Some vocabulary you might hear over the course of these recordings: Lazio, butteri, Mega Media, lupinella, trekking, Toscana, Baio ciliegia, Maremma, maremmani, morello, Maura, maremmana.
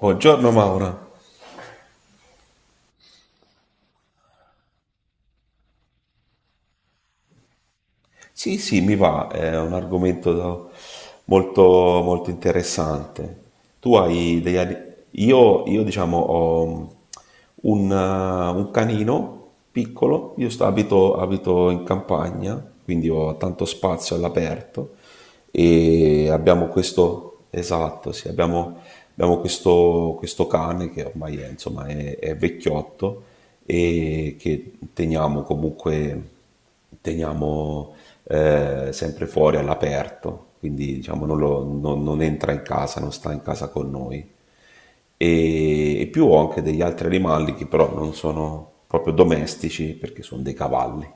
Buongiorno Maura. Sì, sì, mi va, è un argomento molto, molto interessante. Tu hai degli ani- Io, diciamo, ho un, eh, un canino piccolo, abito in campagna, quindi ho tanto spazio all'aperto e abbiamo questo, esatto, sì, abbiamo questo cane che ormai è, insomma, è vecchiotto e che teniamo comunque teniamo sempre fuori all'aperto, quindi diciamo non entra in casa, non sta in casa con noi. E più ho anche degli altri animali che però non sono proprio domestici perché sono dei cavalli,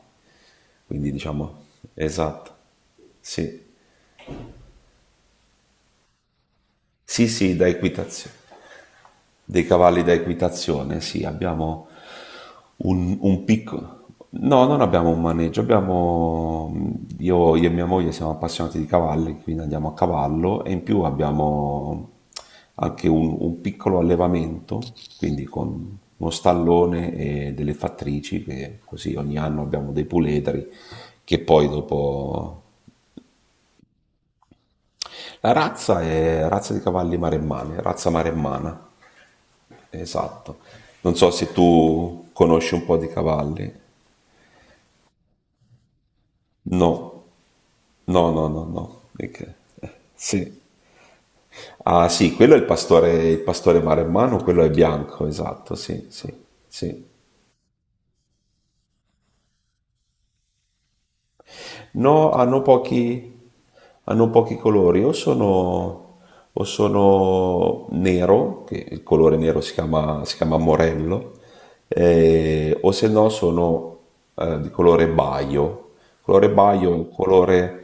quindi diciamo, esatto, sì, sì, sì, da equitazione. Dei cavalli da equitazione, sì, abbiamo un piccolo... No, non abbiamo un maneggio, abbiamo... Io e mia moglie siamo appassionati di cavalli, quindi andiamo a cavallo e in più abbiamo anche un piccolo allevamento, quindi con uno stallone e delle fattrici, che così ogni anno abbiamo dei puledri che poi dopo... La razza è razza di cavalli maremmani, razza maremmana. Esatto. Non so se tu conosci un po' di cavalli. No, no, no, no, no. E che- Sì. Ah, sì, quello è il pastore maremmano, quello è bianco, esatto, sì, sì, sì. No, hanno pochi colori, o sono nero, che il colore nero si chiama morello, o se no sono di colore baio. Il colore baio è un colore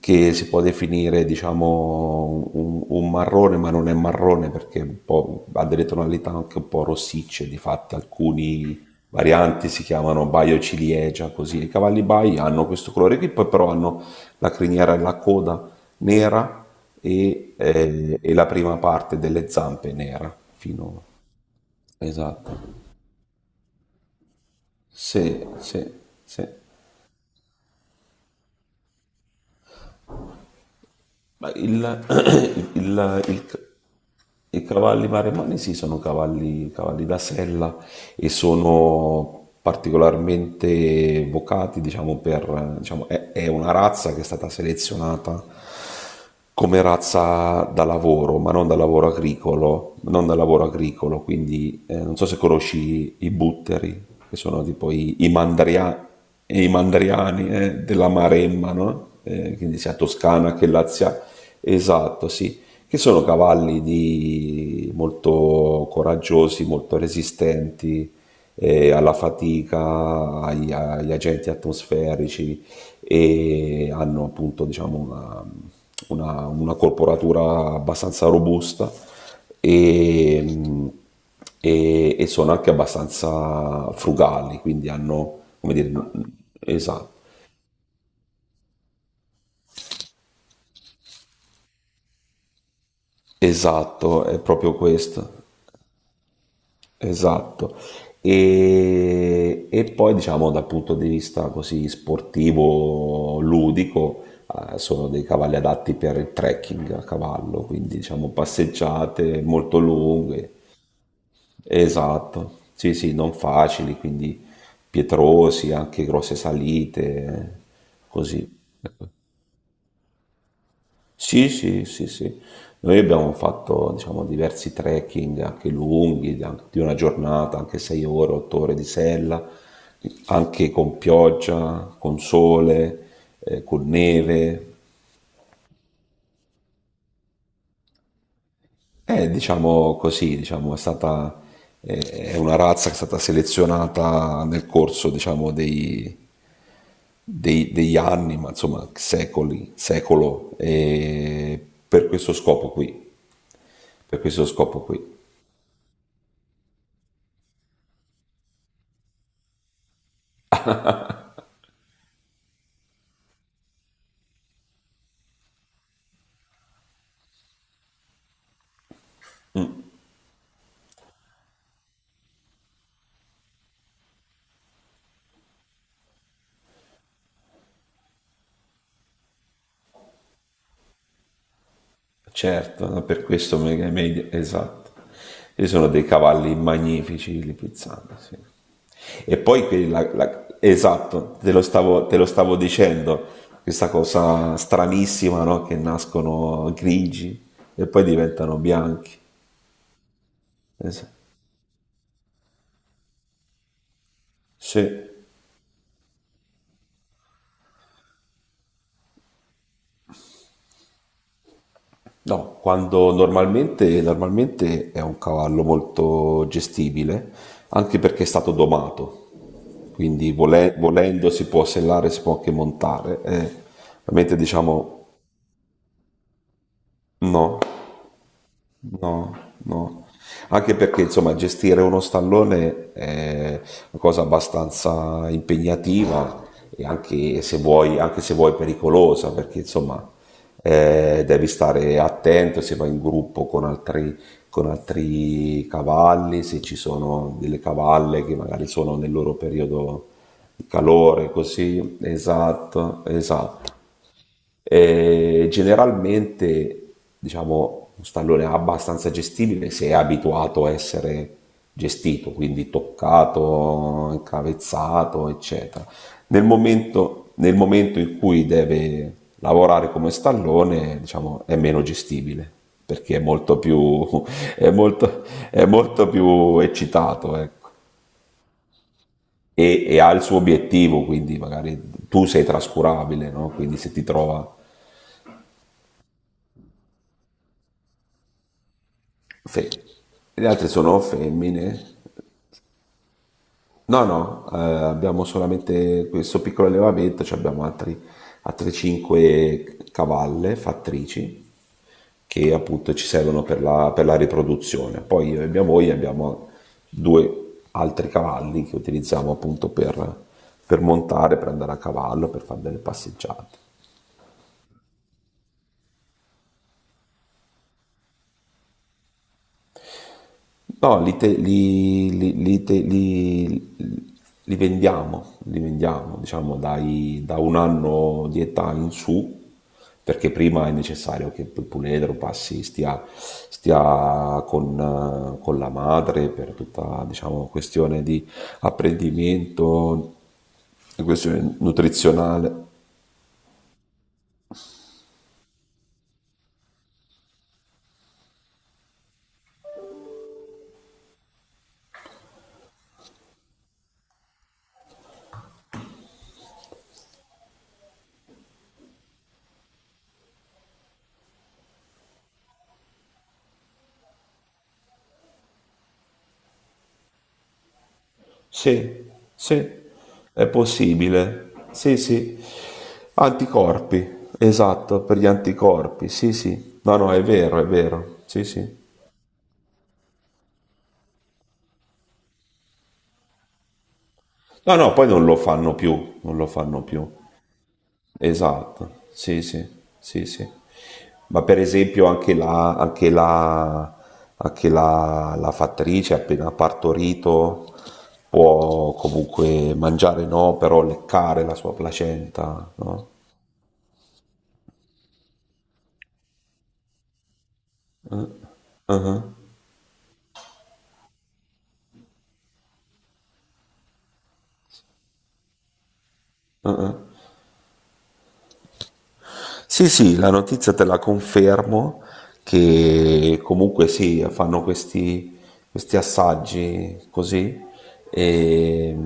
che si può definire, diciamo, un marrone, ma non è marrone perché è un po', ha delle tonalità anche un po' rossicce, di fatto alcuni, varianti, si chiamano Baio ciliegia, così. I cavalli Bai hanno questo colore qui, poi però hanno la criniera e la coda nera e la prima parte delle zampe nera, fino... Esatto. Sì, sì, sì. Ma il- il- i cavalli maremani sì, sono cavalli da sella e sono particolarmente vocati, diciamo, per, diciamo, è una razza che è stata selezionata come razza da lavoro, ma non da lavoro agricolo, non da lavoro agricolo, quindi non so se conosci i butteri, che sono tipo i mandriani della Maremma, no? Quindi sia Toscana che Lazia, esatto, sì, che sono cavalli molto coraggiosi, molto resistenti alla fatica, agli agenti atmosferici e hanno appunto diciamo, una corporatura abbastanza robusta e, mh, e sono anche abbastanza frugali, quindi hanno, come dire, esatto, esatto, è proprio questo, esatto. E poi diciamo dal punto di vista così sportivo, ludico, sono dei cavalli adatti per il trekking a cavallo, quindi diciamo passeggiate molto lunghe, esatto, sì sì, non facili, quindi pietrosi, anche grosse salite, così. Sì, sì, sì, sì. Noi abbiamo fatto, diciamo, diversi trekking anche lunghi, di anche di una giornata, anche 6 ore, 8 ore di sella, anche con pioggia, con sole, con neve. Diciamo così, diciamo, eh, è una razza che è stata selezionata nel corso, diciamo, degli anni, ma insomma secoli, secolo, e per questo scopo qui, per questo scopo qui. Certo, no, per questo Mega Media, esatto. Ci sono dei cavalli magnifici li pizzano, sì. E poi esatto, te lo stavo dicendo, questa cosa stranissima, no? Che nascono grigi e poi diventano bianchi. Esatto. Sì. No, quando normalmente è un cavallo molto gestibile, anche perché è stato domato, quindi volendo si può sellare, si può anche montare. Ovviamente diciamo no. No, no. Anche perché insomma gestire uno stallone è una cosa abbastanza impegnativa e anche se vuoi pericolosa, perché insomma devi stare attento se vai in gruppo con altri, cavalli, se ci sono delle cavalle che magari sono nel loro periodo di calore, così. Esatto, esatto. Generalmente, diciamo, un stallone abbastanza gestibile se è abituato a essere gestito, quindi toccato, incavezzato, eccetera. Nel momento in cui deve lavorare come stallone, diciamo, è meno gestibile perché è molto, è molto più eccitato, ecco. E ha il suo obiettivo, quindi magari tu sei trascurabile, no? Quindi se ti trova Fe- le altre sono femmine. No, no, abbiamo solamente questo piccolo allevamento, cioè abbiamo altri, altre cinque cavalle fattrici che appunto ci servono per la riproduzione. Poi io e mia moglie abbiamo due altri cavalli che utilizziamo appunto per montare, per andare a cavallo, per fare delle passeggiate. No, li vendiamo, diciamo, da un anno di età in su, perché prima è necessario che il puledro passi, stia con la madre per tutta, diciamo, questione di apprendimento, questione nutrizionale. Sì, sì, è possibile. Sì, sì. Anticorpi, esatto, per gli anticorpi. Sì, sì. No, no, è vero, è vero. Sì, sì. No, no, poi non lo fanno più, non lo fanno più. Esatto. Sì, sì. Sì, sì. Ma per esempio anche la fattrice appena partorito può comunque mangiare no, però leccare la sua placenta, no? Ah-ah. Sì, sì, la notizia te la confermo che comunque sì, fanno questi assaggi così e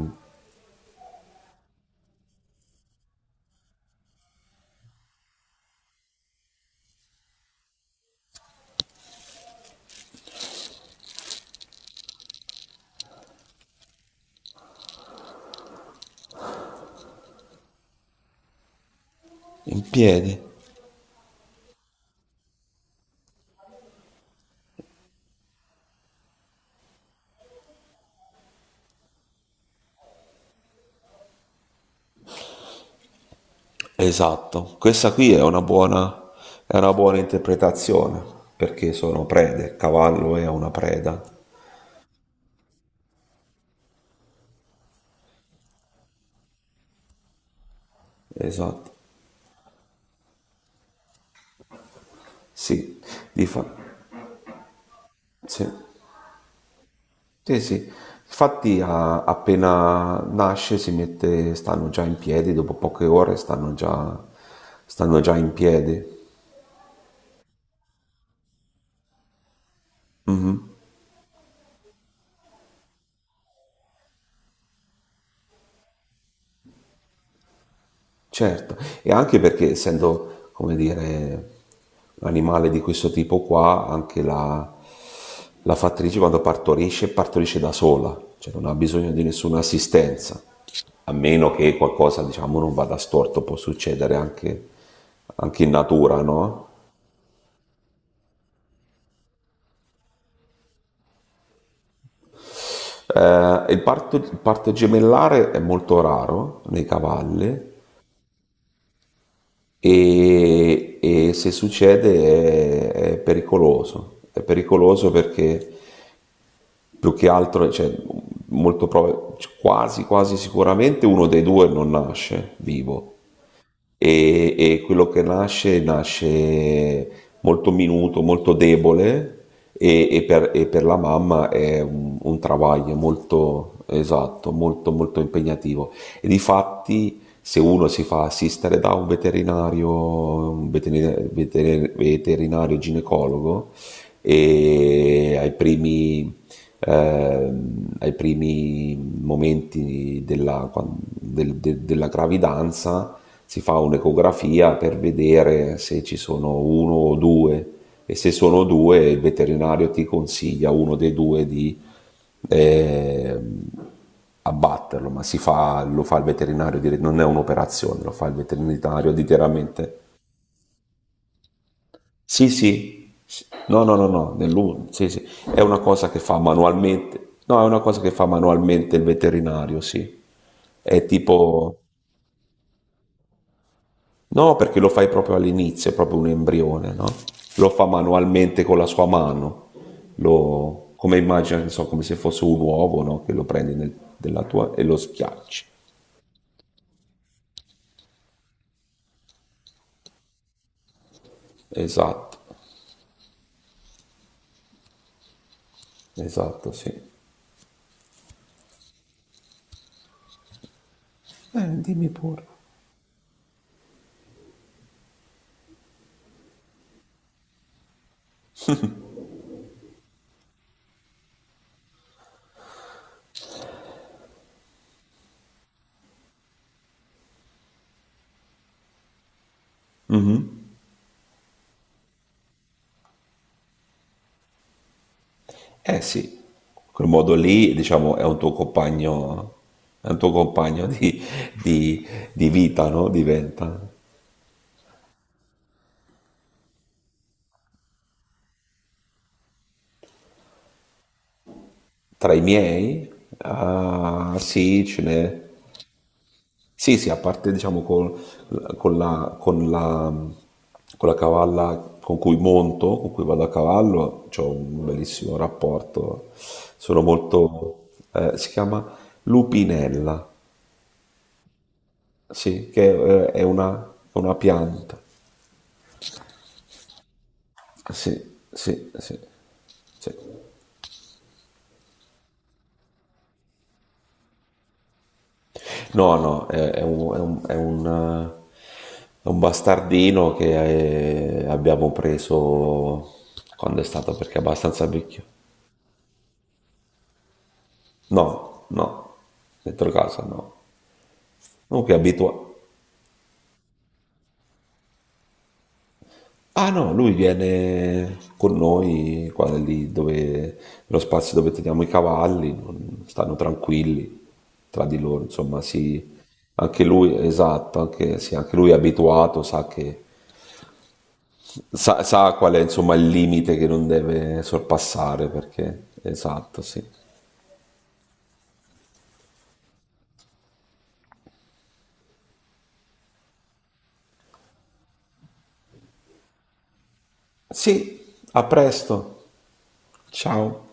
in piedi. Esatto, questa qui è una buona interpretazione perché sono prede, il cavallo è una preda. Esatto, sì, di fa- sì. Sì, sì. Infatti appena nasce stanno già in piedi, dopo poche ore stanno già in piedi. Certo, e anche perché essendo, come dire, un animale di questo tipo qua, anche la fattrice quando partorisce, partorisce da sola, cioè non ha bisogno di nessuna assistenza, a meno che qualcosa, diciamo, non vada storto, può succedere anche in natura, no? Il parto gemellare è molto raro nei cavalli e se succede è pericoloso. È pericoloso perché più che altro, cioè, quasi sicuramente uno dei due non nasce vivo e quello che nasce molto minuto, molto debole e per la mamma è un travaglio molto esatto, molto molto impegnativo. E difatti se uno si fa assistere da un veterinario ginecologo e ai primi momenti della, quan- del- de- della gravidanza si fa un'ecografia per vedere se ci sono uno o due e se sono due il veterinario ti consiglia uno dei due di eh, abbatterlo, ma si fa, lo fa il veterinario, non è un'operazione, lo fa il veterinario direttamente. Sì, sì, sì. No, no, no, no, sì, sì. È una cosa che fa manualmente, no, è una cosa che fa manualmente il veterinario, sì. È tipo... No, perché lo fai proprio all'inizio, è proprio un embrione, no? Lo fa manualmente con la sua mano, come immagina, non so, come se fosse un uovo, no? Che lo prendi della tua e lo schiacci. Esatto, esatto, sì. Dimmi pure. Eh sì, quel modo lì, diciamo, è un tuo compagno, di- di vita, no? Diventa. Tra i miei? Ah, sì, ce n'è. Sì, sì, a parte diciamo con la, con la- con la cavalla con cui monto, con cui vado a cavallo, ho un bellissimo rapporto. Si chiama lupinella, sì, che è una pianta. Sì, sì, sì, sì. No, no, è un bastardino che abbiamo preso perché è abbastanza vecchio. No, no, dentro casa no. Comunque è abitua. Ah no, lui viene con noi qua lì dove, nello spazio dove teniamo i cavalli, stanno tranquilli tra di loro, insomma, sì. Anche lui, esatto, anche, sì, anche lui è abituato, sa qual è, insomma, il limite che non deve sorpassare, perché, esatto, sì. Sì, a presto, ciao.